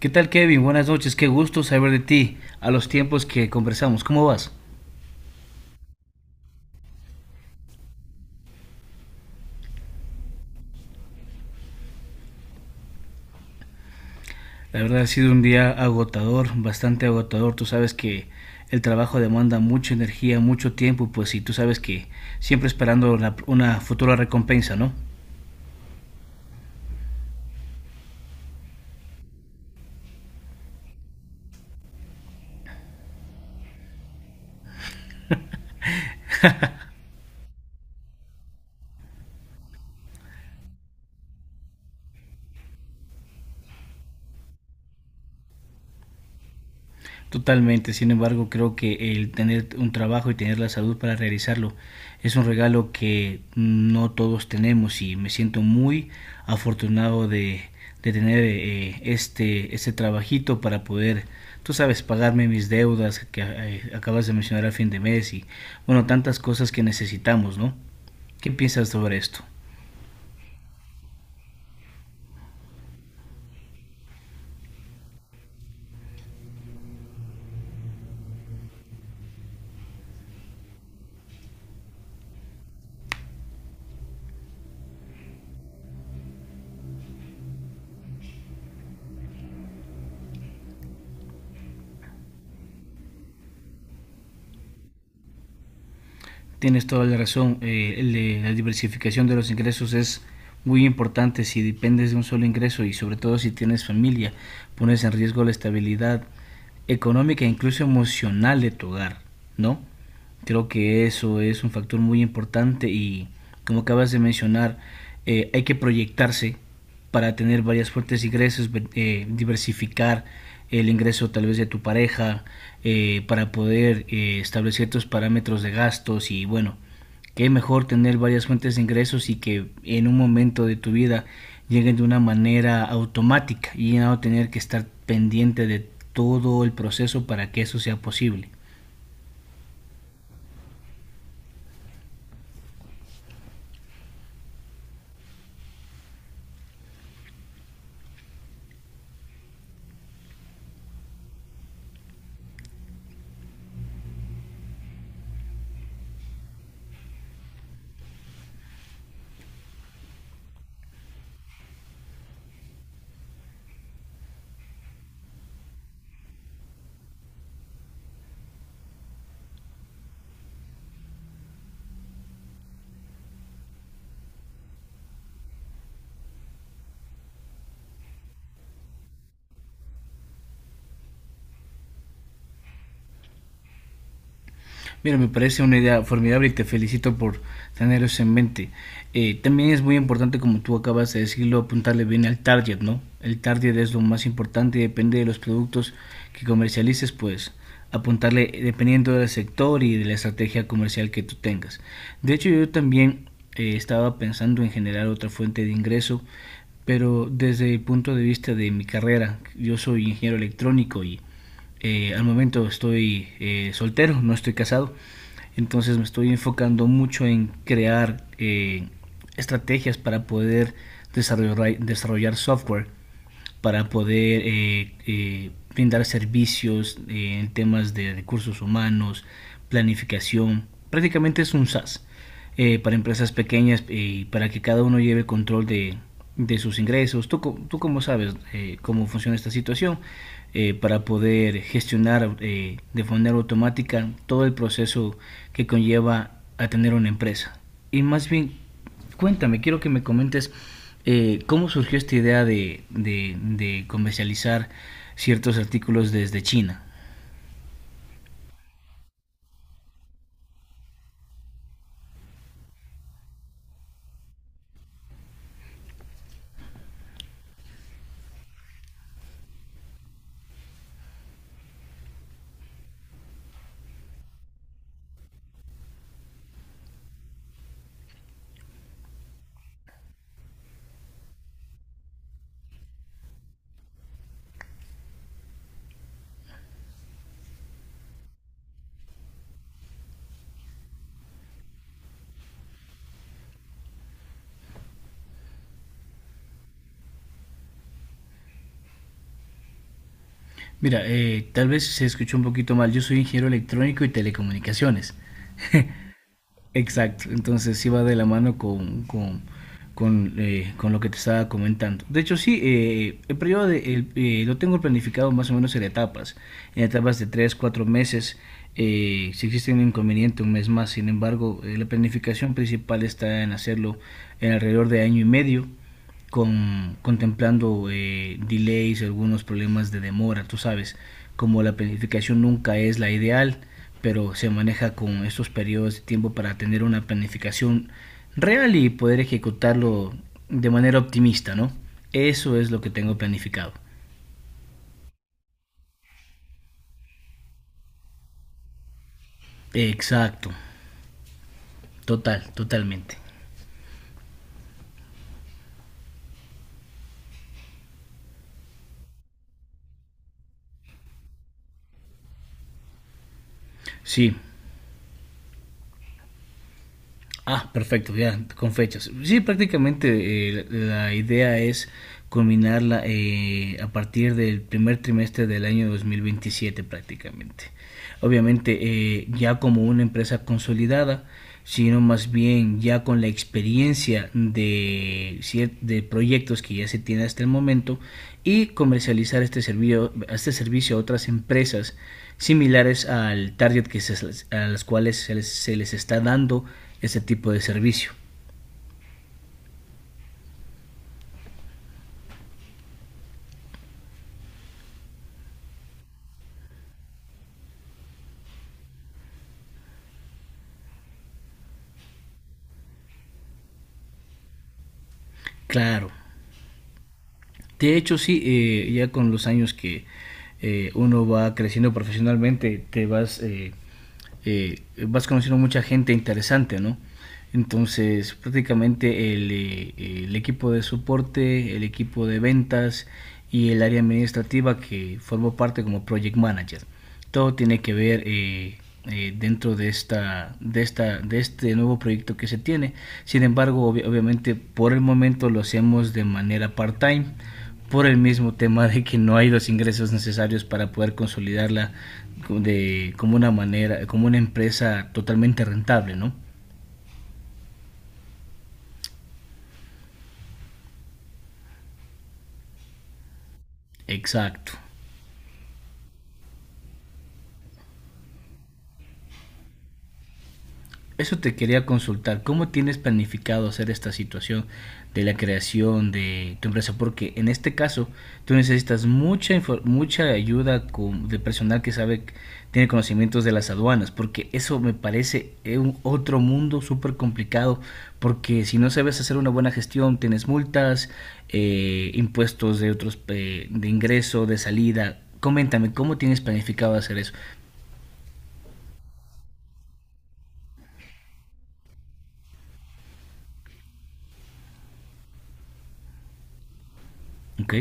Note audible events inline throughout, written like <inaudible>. ¿Qué tal, Kevin? Buenas noches, qué gusto saber de ti a los tiempos que conversamos. ¿Cómo vas? La verdad ha sido un día agotador, bastante agotador. Tú sabes que el trabajo demanda mucha energía, mucho tiempo, pues y tú sabes que siempre esperando una futura recompensa, ¿no? Totalmente, sin embargo, creo que el tener un trabajo y tener la salud para realizarlo es un regalo que no todos tenemos y me siento muy afortunado de tener este trabajito para poder, tú sabes, pagarme mis deudas que acabas de mencionar al fin de mes y, bueno, tantas cosas que necesitamos, ¿no? ¿Qué piensas sobre esto? Tienes toda la razón. La diversificación de los ingresos es muy importante. Si dependes de un solo ingreso y sobre todo si tienes familia, pones en riesgo la estabilidad económica e incluso emocional de tu hogar, ¿no? Creo que eso es un factor muy importante y como acabas de mencionar, hay que proyectarse para tener varias fuentes de ingresos, diversificar el ingreso tal vez de tu pareja, para poder establecer tus parámetros de gastos y bueno, qué mejor tener varias fuentes de ingresos y que en un momento de tu vida lleguen de una manera automática y no tener que estar pendiente de todo el proceso para que eso sea posible. Mira, me parece una idea formidable y te felicito por tener eso en mente. También es muy importante, como tú acabas de decirlo, apuntarle bien al target, ¿no? El target es lo más importante y depende de los productos que comercialices, pues apuntarle dependiendo del sector y de la estrategia comercial que tú tengas. De hecho, yo también estaba pensando en generar otra fuente de ingreso, pero desde el punto de vista de mi carrera, yo soy ingeniero electrónico y al momento estoy soltero, no estoy casado, entonces me estoy enfocando mucho en crear estrategias para poder desarrollar software, para poder brindar servicios en temas de recursos humanos, planificación, prácticamente es un SaaS para empresas pequeñas y para que cada uno lleve control de sus ingresos. Tú cómo sabes cómo funciona esta situación para poder gestionar de manera automática todo el proceso que conlleva a tener una empresa. Y más bien, cuéntame, quiero que me comentes cómo surgió esta idea de comercializar ciertos artículos desde China. Mira, tal vez se escuchó un poquito mal, yo soy ingeniero electrónico y telecomunicaciones. <laughs> Exacto, entonces iba de la mano con con lo que te estaba comentando. De hecho, sí, lo tengo planificado más o menos en etapas de 3 4 meses. Si existe un inconveniente, un mes más. Sin embargo, la planificación principal está en hacerlo en alrededor de año y medio contemplando delays, algunos problemas de demora, tú sabes, como la planificación nunca es la ideal, pero se maneja con estos periodos de tiempo para tener una planificación real y poder ejecutarlo de manera optimista, ¿no? Eso es lo que tengo planificado. Exacto, totalmente. Sí. Ah, perfecto, ya, con fechas. Sí, prácticamente la idea es culminarla a partir del primer trimestre del año 2027 prácticamente. Obviamente ya como una empresa consolidada, sino más bien ya con la experiencia de proyectos que ya se tiene hasta el momento y comercializar este servicio a otras empresas similares al target a las cuales se les está dando ese tipo de servicio. Claro. De hecho, sí, ya con los años que uno va creciendo profesionalmente, te vas, eh, vas conociendo mucha gente interesante, ¿no? Entonces, prácticamente el equipo de soporte, el equipo de ventas y el área administrativa que formó parte como project manager, ¿no? Todo tiene que ver dentro de de este nuevo proyecto que se tiene. Sin embargo, ob obviamente por el momento lo hacemos de manera part-time por el mismo tema de que no hay los ingresos necesarios para poder consolidarla de, como una manera, como una empresa totalmente rentable, ¿no? Exacto. Eso te quería consultar, ¿cómo tienes planificado hacer esta situación de la creación de tu empresa? Porque en este caso tú necesitas mucha ayuda de personal que sabe, tiene conocimientos de las aduanas, porque eso me parece un otro mundo súper complicado, porque si no sabes hacer una buena gestión, tienes multas, impuestos de otros, de ingreso, de salida. Coméntame, ¿cómo tienes planificado hacer eso? ¿Ok?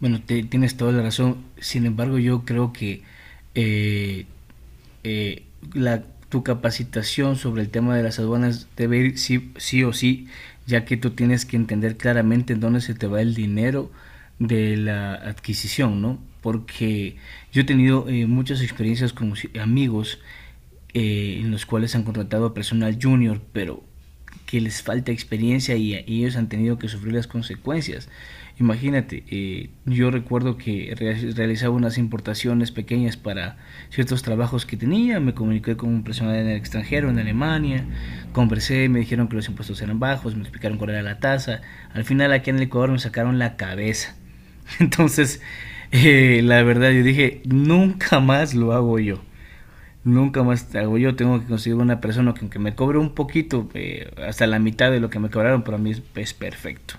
Bueno, tienes toda la razón. Sin embargo, yo creo que eh, eh, la, tu capacitación sobre el tema de las aduanas debe ir sí, sí o sí, ya que tú tienes que entender claramente en dónde se te va el dinero de la adquisición, ¿no? Porque yo he tenido muchas experiencias con amigos en los cuales han contratado a personal junior, pero que les falta experiencia y ellos han tenido que sufrir las consecuencias. Imagínate, yo recuerdo que realizaba unas importaciones pequeñas para ciertos trabajos que tenía, me comuniqué con un personal en el extranjero, en Alemania, conversé, me dijeron que los impuestos eran bajos, me explicaron cuál era la tasa, al final aquí en el Ecuador me sacaron la cabeza. <laughs> Entonces, la verdad, yo dije, nunca más lo hago yo. Nunca más te hago yo, tengo que conseguir una persona que aunque me cobre un poquito, hasta la mitad de lo que me cobraron, para mí es perfecto.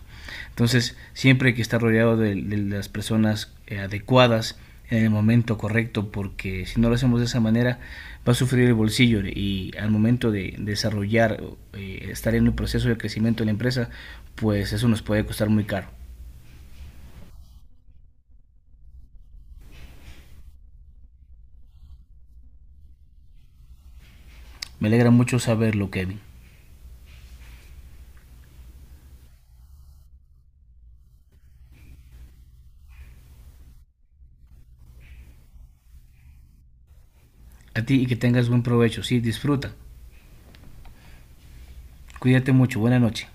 Entonces, siempre hay que estar rodeado de las personas adecuadas en el momento correcto, porque si no lo hacemos de esa manera, va a sufrir el bolsillo y al momento de desarrollar, estar en un proceso de crecimiento de la empresa, pues eso nos puede costar muy caro. Me alegra mucho saberlo, Kevin. A ti y que tengas buen provecho. Sí, disfruta. Cuídate mucho. Buena noche.